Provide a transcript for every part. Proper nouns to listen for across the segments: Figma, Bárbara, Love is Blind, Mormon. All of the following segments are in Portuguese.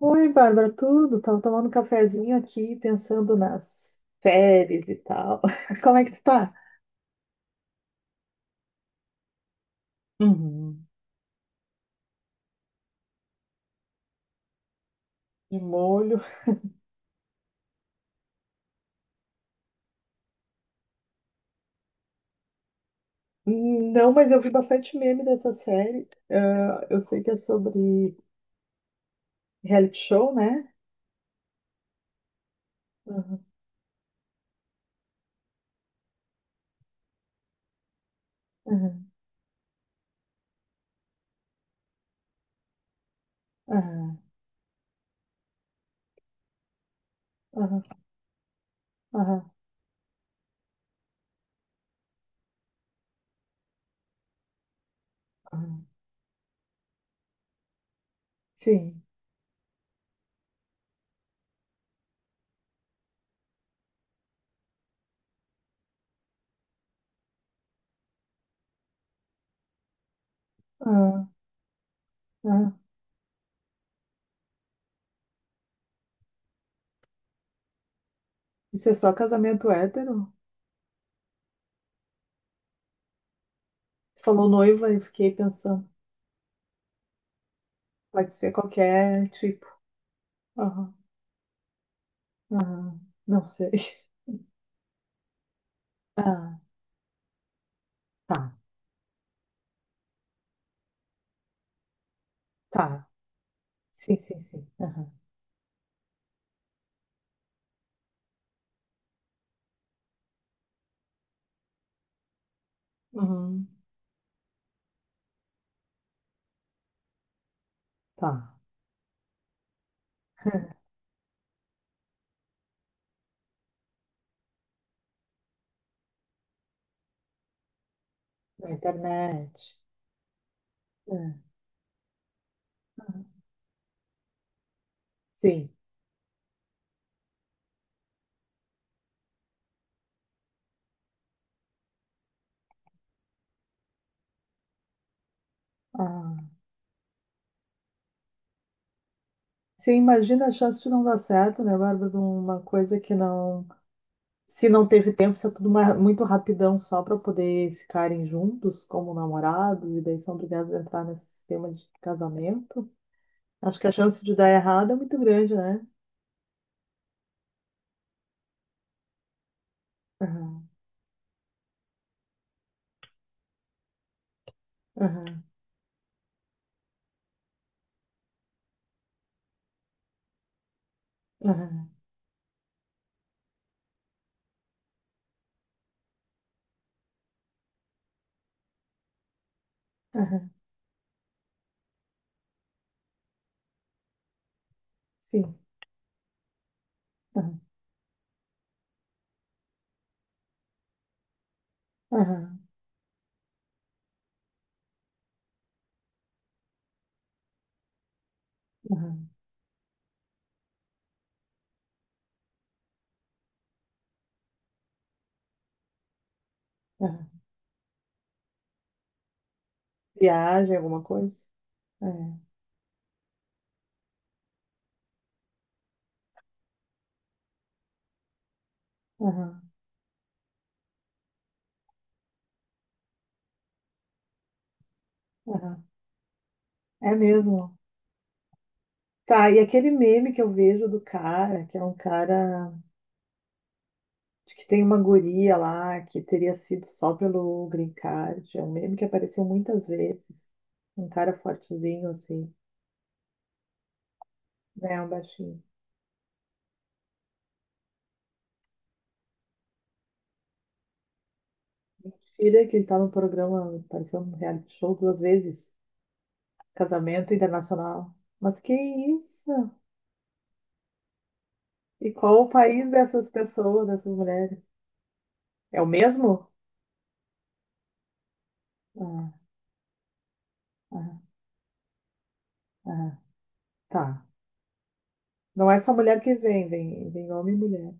Oi, Bárbara, tudo? Tava tomando um cafezinho aqui, pensando nas séries e tal. Como é que tu tá? Uhum. De molho? Não, mas eu vi bastante meme dessa série. Ah, eu sei que é sobre reality show, né? Aham, aham, aham, aham, aham, aham. Sim. Aham, aham. Isso é só casamento hétero? Tu falou noiva e fiquei pensando. Pode ser qualquer tipo. Aham, aham. Não sei. Ah, tá, tá. Sim, sim, sim. Aham. Uhum. Tá. Na internet. É. Sim. Ah. Sim, imagina a chance de não dar certo, né, Bárbara? De uma coisa que não. Se não teve tempo, se é tudo muito rapidão só para poder ficarem juntos como namorados, e daí são obrigados a entrar nesse sistema de casamento. Acho que a chance de dar errado é muito grande, né? Aham, aham, aham, aham. Sim. Aham, aham, aham, aham. Viagem, alguma coisa? É. Aham. Aham. É mesmo. Tá, e aquele meme que eu vejo do cara, que é um cara de que tem uma guria lá, que teria sido só pelo green card, é um meme que apareceu muitas vezes. Um cara fortezinho, assim, né, um baixinho. Tira que ele tá no programa, apareceu no reality show duas vezes, casamento internacional. Mas que isso? E qual o país dessas pessoas, dessas mulheres? É o mesmo? Ah, ah, ah, tá. Não é só mulher que vem homem e mulher.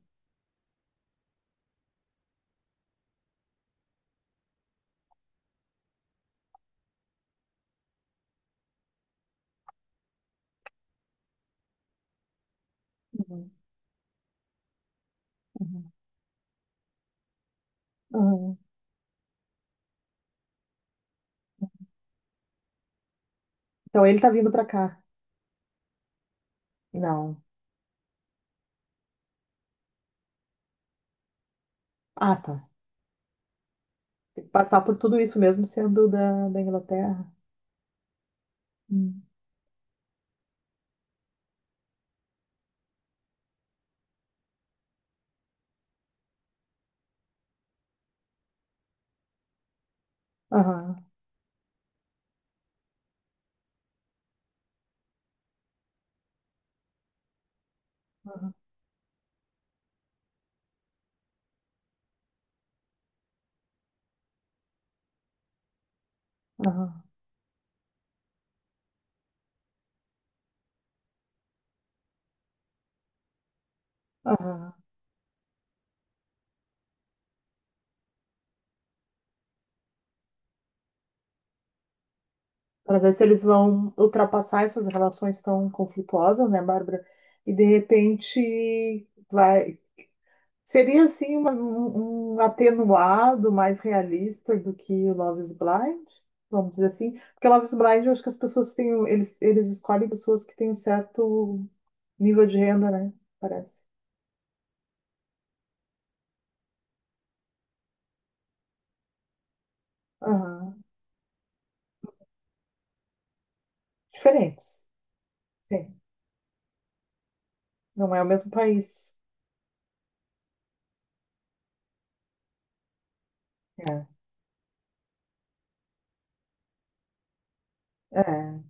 Uhum, uhum, uhum. Então ele tá vindo pra cá. Não. Ah, tá. Tem que passar por tudo isso mesmo sendo da Inglaterra. Hum. Aham, aham, aham, aham. Para ver se eles vão ultrapassar essas relações tão conflituosas, né, Bárbara? E de repente vai. Seria assim um atenuado mais realista do que o Love is Blind, vamos dizer assim, porque Love is Blind eu acho que as pessoas têm, eles, eles escolhem pessoas que têm um certo nível de renda, né? Parece. Aham. Diferentes. Sim. Não é o mesmo país. É, é,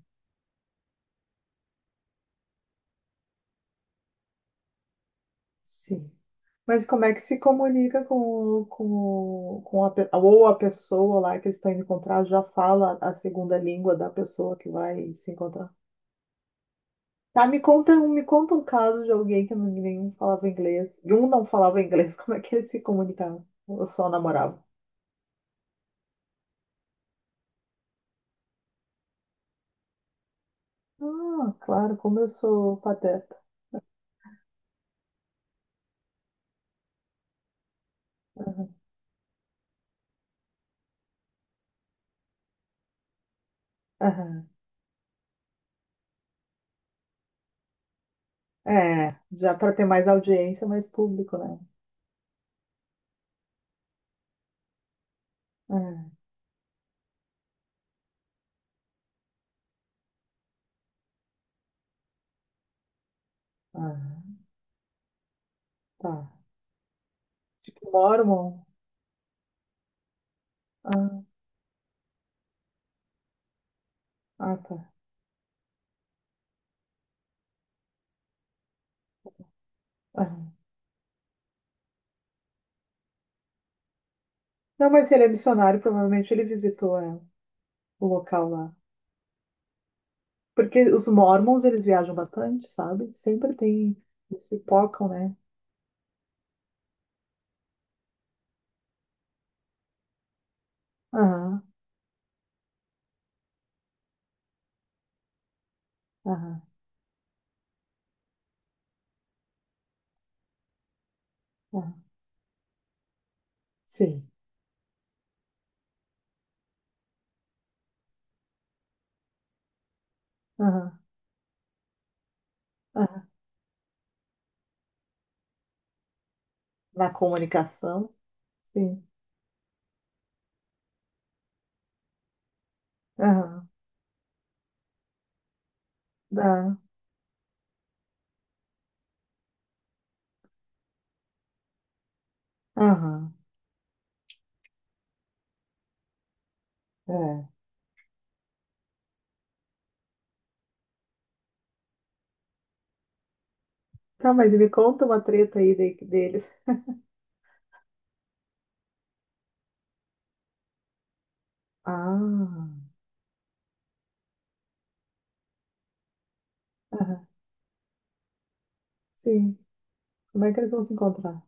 sim. Mas como é que se comunica com, o- com, com a, ou a pessoa lá que eles estão indo encontrar já fala a segunda língua da pessoa que vai se encontrar? Tá, me conta, me conta um caso de alguém que nenhum falava inglês. E um não falava inglês, como é que eles se comunicavam? Ou só namoravam? Ah, claro, como eu sou pateta. Aham. É, já para ter mais audiência, mais público, né? É, aham, tá. Tipo, Mormon. Ah, ah, tá. Aham. Não, mas se ele é missionário, provavelmente ele visitou, é, o local lá. Porque os Mormons, eles viajam bastante, sabe? Sempre tem, eles pipocam, né? Aham, aham, aham. Sim. Aham, aham. Na comunicação, sim. Aham, dá. Aham, é. Tá, mas me conta uma treta aí deles. Ah, aham, sim. Como é que eles vão se encontrar?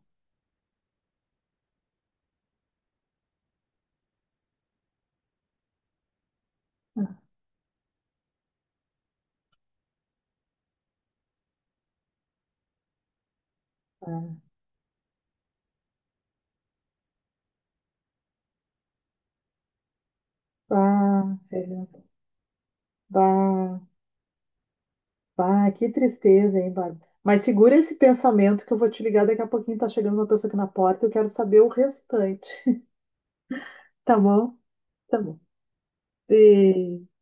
Ah, bah, sei lá. Bah, bah, que tristeza, hein, Bárbara? Mas segura esse pensamento que eu vou te ligar daqui a pouquinho. Tá chegando uma pessoa aqui na porta. Eu quero saber o restante. Tá bom? Tá bom. Beijo.